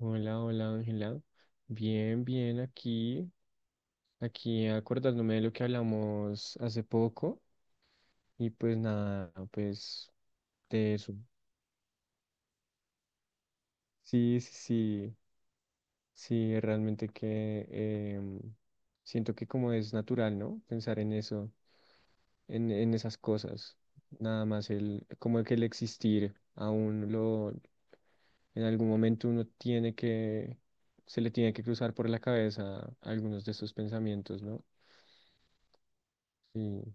Hola, hola Ángela. Bien, bien, aquí acordándome de lo que hablamos hace poco y pues nada, pues de eso. Sí, sí, sí, sí, realmente que em, siento que, como es natural, ¿no? Pensar en eso, en esas cosas, nada más el, como que el existir aún lo, en algún momento uno tiene que, se le tiene que cruzar por la cabeza algunos de esos pensamientos, ¿no? Sí.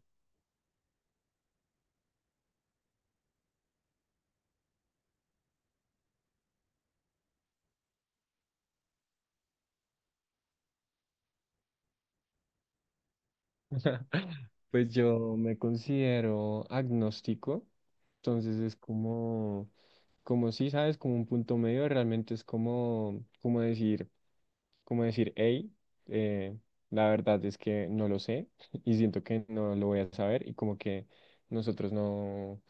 Pues yo me considero agnóstico, entonces es como, como si sabes, como un punto medio. Realmente es como, como decir, hey, la verdad es que no lo sé. Y siento que no lo voy a saber, y como que nosotros no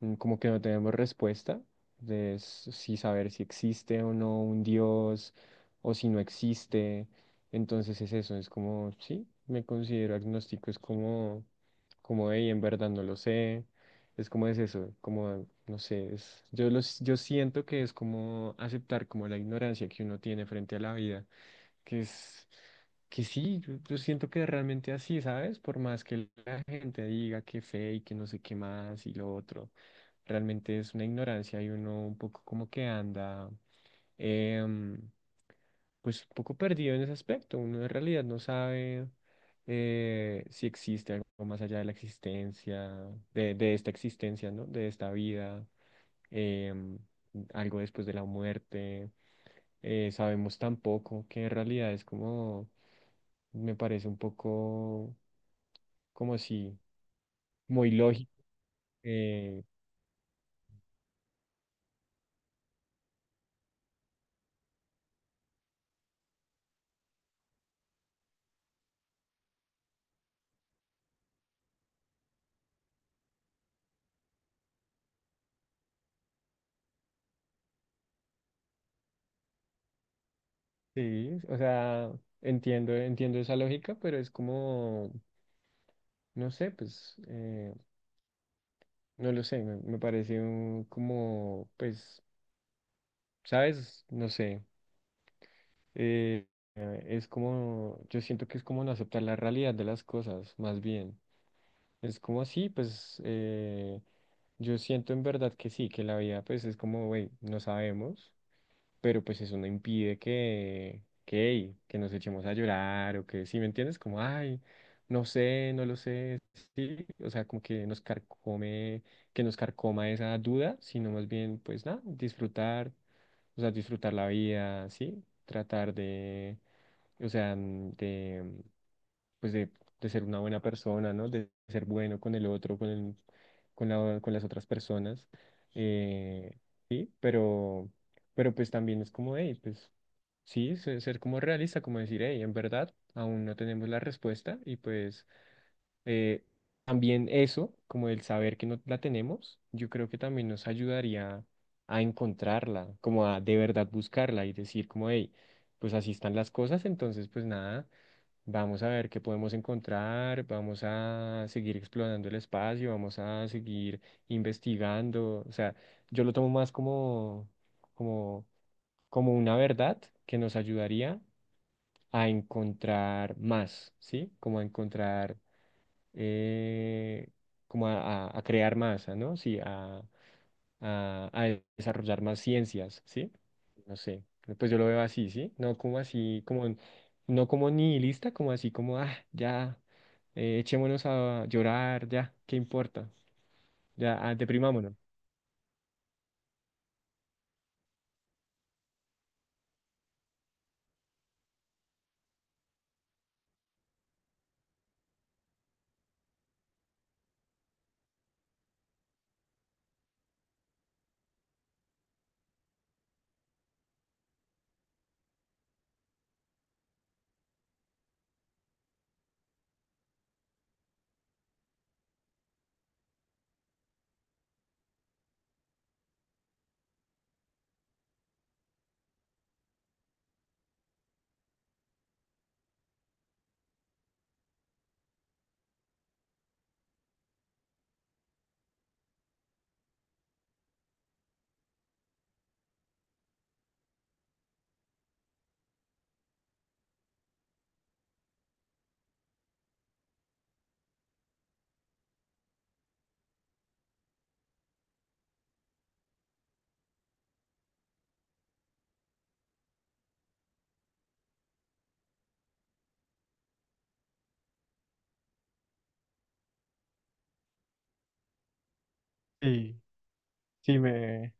como que no tenemos respuesta de si saber si existe o no un Dios o si no existe. Entonces es eso, es como, sí, me considero agnóstico, es como, hey, en verdad no lo sé. Es como es eso, como, no sé, yo siento que es como aceptar como la ignorancia que uno tiene frente a la vida, que es que sí, yo siento que realmente así, ¿sabes? Por más que la gente diga que fe y que no sé qué más y lo otro, realmente es una ignorancia y uno un poco como que anda, em, pues un poco perdido en ese aspecto. Uno en realidad no sabe, si existe algo más allá de la existencia, de esta existencia, ¿no? De esta vida, em, algo después de la muerte. Sabemos tan poco, que en realidad es como, me parece un poco como si muy lógico. eh, sí, o sea, entiendo esa lógica, pero es como, no sé, pues, no lo sé, me parece como, pues, ¿sabes? No sé. eh, es como, yo siento que es como no aceptar la realidad de las cosas, más bien. Es como así, pues, yo siento en verdad que sí, que la vida pues es como, güey, no sabemos, pero pues eso no impide que, hey, que nos echemos a llorar o que, ¿si me entiendes? Como, ay, no sé, no lo sé, sí, o sea, como que nos carcome, que nos carcoma esa duda, sino más bien, pues nada, disfrutar, o sea, disfrutar la vida, sí, tratar de, o sea, de, pues de ser una buena persona, ¿no? De ser bueno con el otro, con con las otras personas. eh, sí, pero pues también es como, hey, pues sí, ser como realista, como decir, hey, en verdad, aún no tenemos la respuesta, y pues eh, también eso, como el saber que no la tenemos, yo creo que también nos ayudaría a encontrarla, como a de verdad buscarla y decir como, hey, pues así están las cosas, entonces pues nada, vamos a ver qué podemos encontrar, vamos a seguir explorando el espacio, vamos a seguir investigando, o sea, yo lo tomo más como, como, una verdad que nos ayudaría a encontrar más, ¿sí? Como a encontrar, eh, como a crear más, ah, ¿no? Sí, a desarrollar más ciencias, ¿sí? No sé, pues yo lo veo así, ¿sí? No como así, como, no como nihilista, como así, como, ah, ya, echémonos a llorar, ya, ¿qué importa? Ya, ah, deprimámonos. Sí, sí,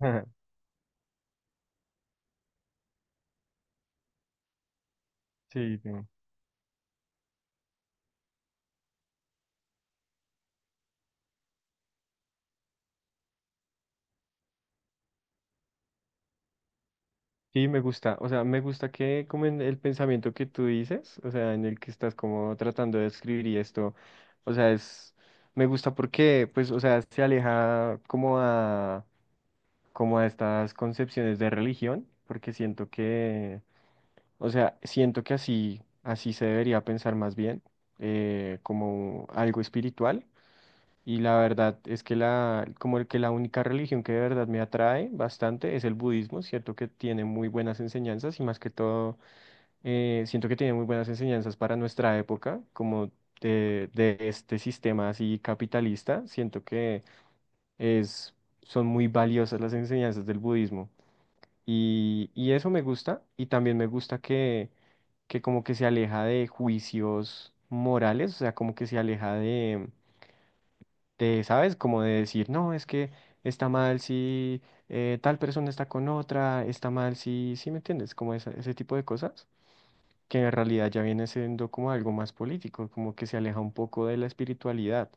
sí, sí, me gusta, o sea, me gusta que como en el pensamiento que tú dices, o sea, en el que estás como tratando de escribir y esto, o sea, me gusta porque, pues, o sea, se aleja como a, como a estas concepciones de religión, porque siento que, o sea, siento que así, así se debería pensar más bien. Como algo espiritual. Y la verdad es que como el que la única religión que de verdad me atrae bastante es el budismo, cierto que tiene muy buenas enseñanzas, y más que todo, siento que tiene muy buenas enseñanzas para nuestra época, como de este sistema así capitalista. Siento que es, son muy valiosas las enseñanzas del budismo, y eso me gusta, y también me gusta que como que se aleja de juicios morales, o sea, como que se aleja de, ¿sabes? Como de decir, no, es que está mal si, tal persona está con otra, está mal si, ¿sí me entiendes? Como ese tipo de cosas, que en realidad ya viene siendo como algo más político, como que se aleja un poco de la espiritualidad,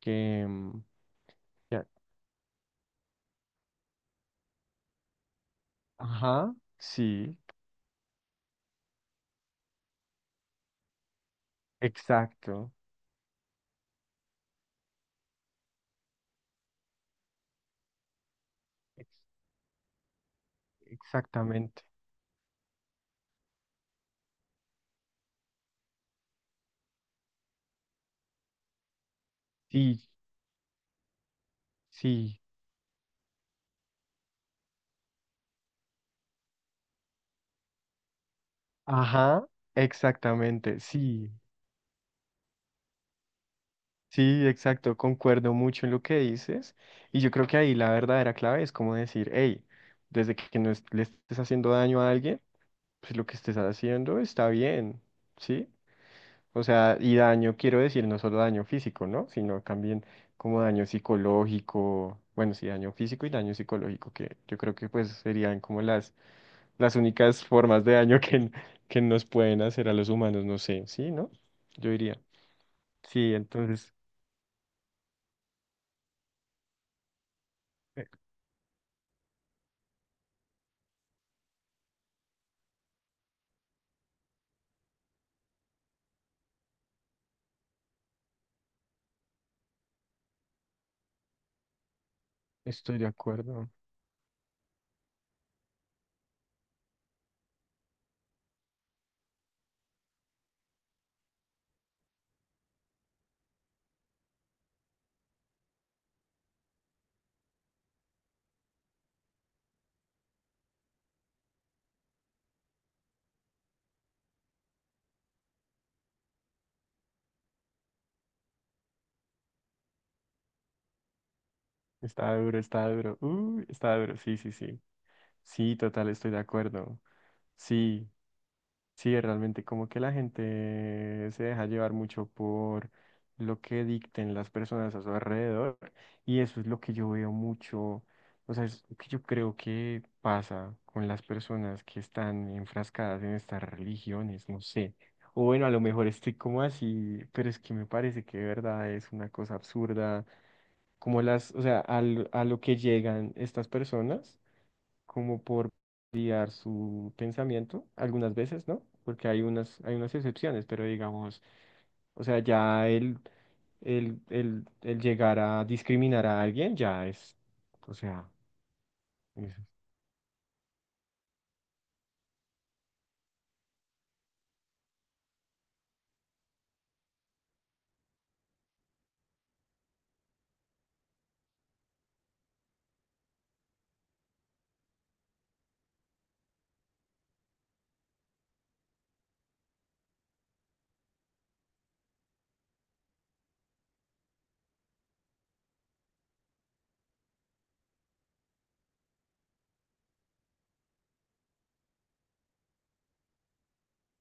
que... mm, ya- ajá, sí, exacto, ex- exactamente, sí, sí, ajá, exactamente, sí. Sí, exacto, concuerdo mucho en lo que dices, y yo creo que ahí la verdadera clave es como decir, hey, desde que no es- le estés haciendo daño a alguien, pues lo que estés haciendo está bien, ¿sí? O sea, y daño quiero decir no solo daño físico, ¿no? Sino también como daño psicológico, bueno, sí, daño físico y daño psicológico, que yo creo que pues serían como las únicas formas de daño que nos pueden hacer a los humanos, no sé, ¿sí? ¿No? Yo diría. Sí, entonces, eh, estoy de acuerdo. Está duro, está duro. Uy, está duro. Sí, sí, sí. Sí, total, estoy de acuerdo. Sí, sí, realmente como que la gente se deja llevar mucho por lo que dicten las personas a su alrededor, y eso es lo que yo veo mucho, o sea, es lo que yo creo que pasa con las personas que están enfrascadas en estas religiones, no sé. O bueno, a lo mejor estoy como así, pero es que me parece que de verdad es una cosa absurda como o sea, a lo que llegan estas personas, como por guiar su pensamiento, algunas veces, ¿no? Porque hay unas excepciones, pero digamos, o sea, ya el llegar a discriminar a alguien ya es, o sea, eso.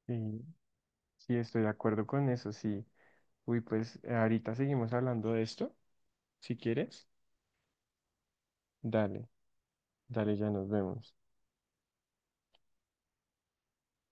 Sí, sí, estoy de acuerdo con eso, sí. Uy, pues ahorita seguimos hablando de esto, si quieres, dale, dale, ya nos vemos.